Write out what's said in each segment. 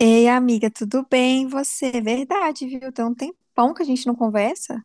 Ei, amiga, tudo bem? E você? Verdade, viu? Tem um tempão que a gente não conversa.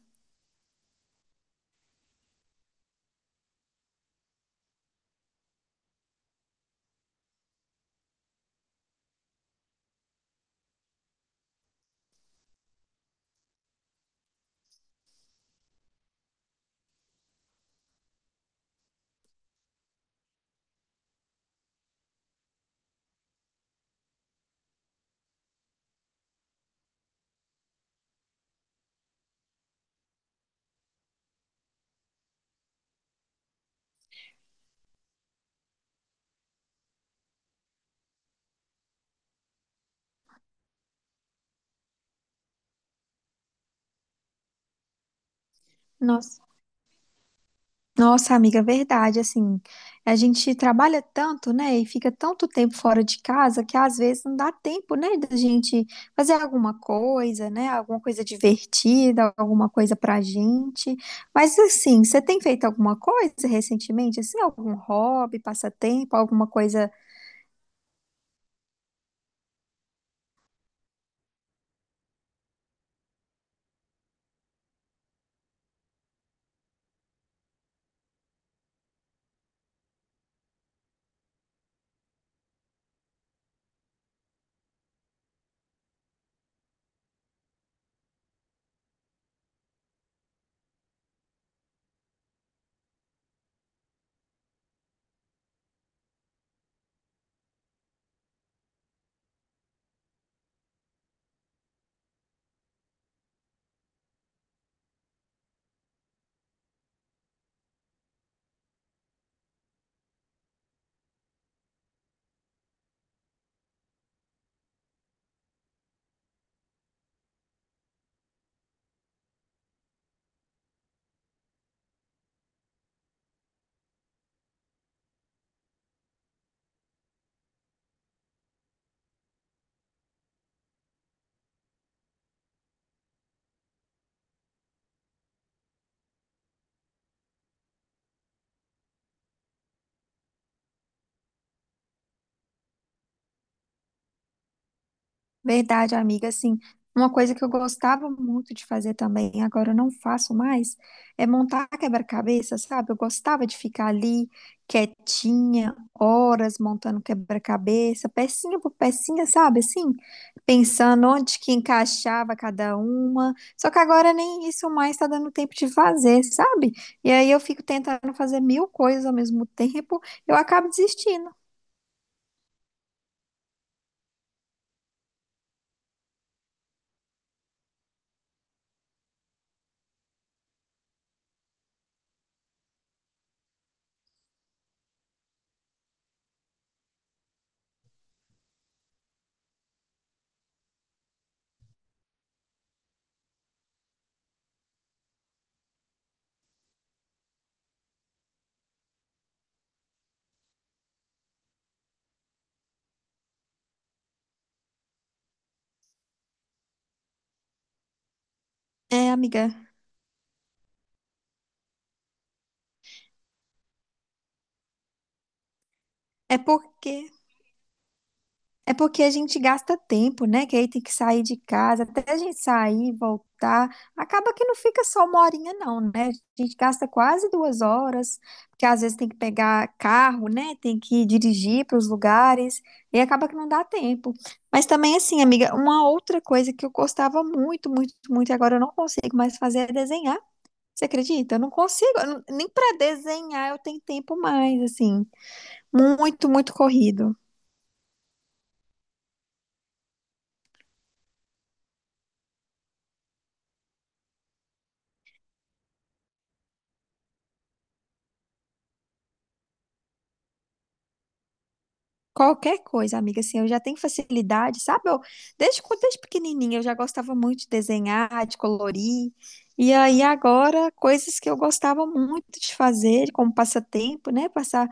Nossa, Nossa, amiga, verdade. Assim, a gente trabalha tanto, né? E fica tanto tempo fora de casa que às vezes não dá tempo, né? Da gente fazer alguma coisa, né? Alguma coisa divertida, alguma coisa pra gente. Mas assim, você tem feito alguma coisa recentemente? Assim, algum hobby, passatempo, alguma coisa? Verdade, amiga. Assim, uma coisa que eu gostava muito de fazer também, agora eu não faço mais, é montar quebra-cabeça, sabe? Eu gostava de ficar ali quietinha, horas montando quebra-cabeça, pecinha por pecinha, sabe? Assim, pensando onde que encaixava cada uma. Só que agora nem isso mais tá dando tempo de fazer, sabe? E aí eu fico tentando fazer mil coisas ao mesmo tempo, eu acabo desistindo. É, amiga, é porque É porque a gente gasta tempo, né? Que aí tem que sair de casa, até a gente sair, voltar. Acaba que não fica só uma horinha, não, né? A gente gasta quase duas horas, porque às vezes tem que pegar carro, né? Tem que dirigir para os lugares, e acaba que não dá tempo. Mas também, assim, amiga, uma outra coisa que eu gostava muito, muito, muito, e agora eu não consigo mais fazer é desenhar. Você acredita? Eu não consigo, eu não- nem para desenhar eu tenho tempo mais, assim, muito, muito corrido. Qualquer coisa, amiga, assim, eu já tenho facilidade, sabe? Eu, desde pequenininha eu já gostava muito de desenhar, de colorir. E aí agora, coisas que eu gostava muito de fazer, como passatempo, né? Passar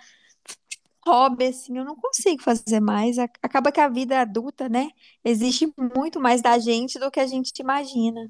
hobby, assim, eu não consigo fazer mais. Acaba que a vida adulta, né? Exige muito mais da gente do que a gente imagina.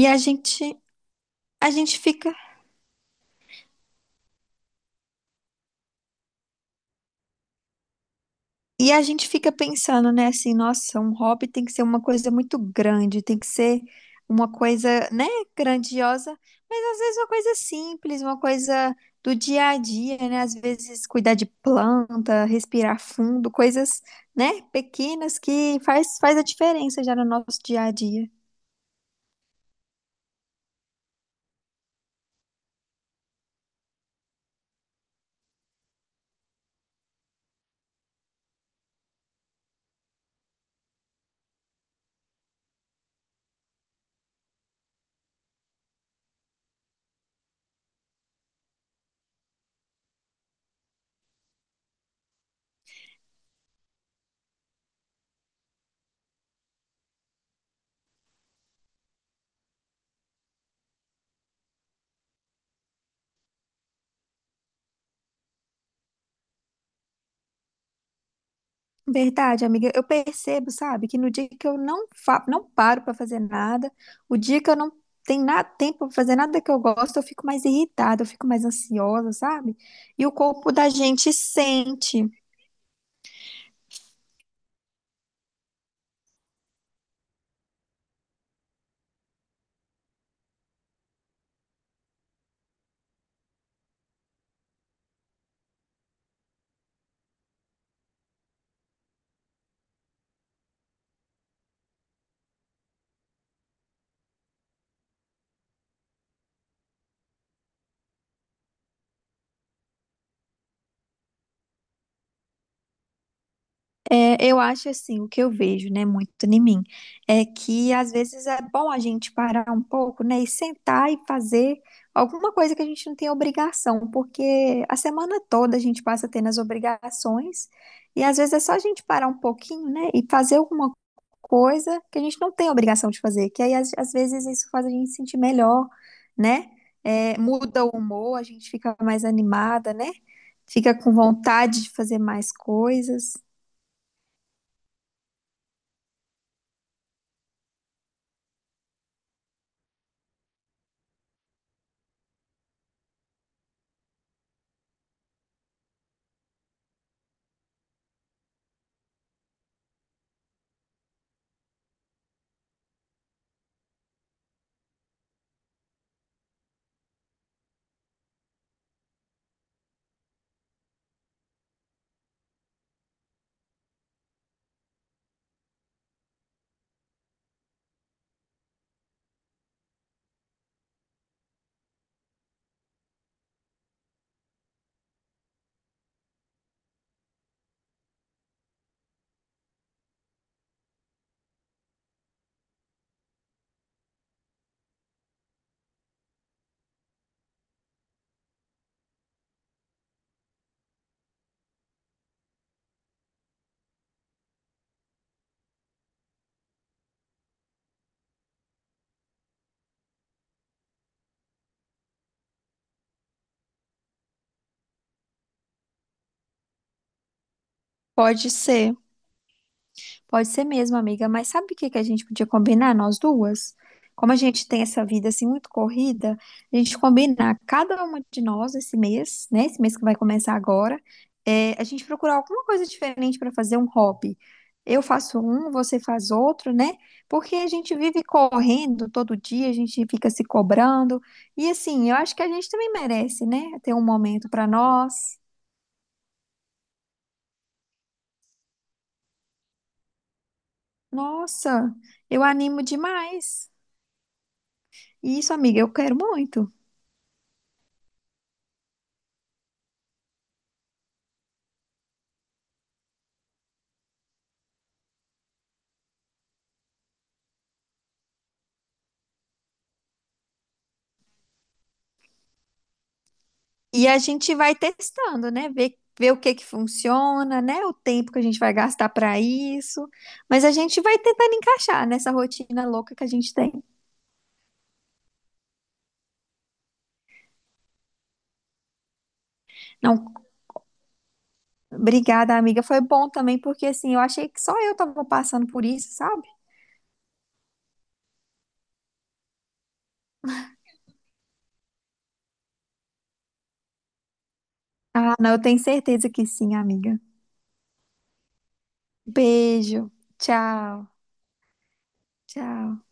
E a gente fica. E a gente fica pensando, né, assim, nossa, um hobby tem que ser uma coisa muito grande, tem que ser uma coisa, né, grandiosa, mas às vezes uma coisa simples, uma coisa do dia a dia, né? Às vezes cuidar de planta, respirar fundo, coisas, né, pequenas que faz a diferença já no nosso dia a dia. Verdade, amiga. Eu percebo, sabe, que no dia que eu não fa não paro pra fazer nada, o dia que eu não tenho nada tempo pra fazer nada que eu gosto, eu fico mais irritada, eu fico mais ansiosa, sabe? E o corpo da gente sente. É, eu acho assim, o que eu vejo, né, muito em mim, é que às vezes é bom a gente parar um pouco, né, e sentar e fazer alguma coisa que a gente não tem obrigação, porque a semana toda a gente passa tendo as obrigações, e às vezes é só a gente parar um pouquinho, né, e fazer alguma coisa que a gente não tem obrigação de fazer, que aí às vezes isso faz a gente se sentir melhor, né. É, muda o humor, a gente fica mais animada, né, fica com vontade de fazer mais coisas. Pode ser, pode ser mesmo, amiga. Mas sabe o que que a gente podia combinar, nós duas? Como a gente tem essa vida assim muito corrida, a gente combinar cada uma de nós esse mês, né? Esse mês que vai começar agora, é, a gente procurar alguma coisa diferente para fazer um hobby. Eu faço um, você faz outro, né? Porque a gente vive correndo todo dia, a gente fica se cobrando. E assim, eu acho que a gente também merece, né? Ter um momento para nós. Nossa, eu animo demais. Isso, amiga, eu quero muito. E a gente vai testando, né? Ver o que que funciona, né? O tempo que a gente vai gastar para isso. Mas a gente vai tentando encaixar nessa rotina louca que a gente tem. Não, obrigada, amiga. Foi bom também, porque assim, eu achei que só eu tava passando por isso, sabe? Ah, não, eu tenho certeza que sim, amiga. Beijo. Tchau. Tchau.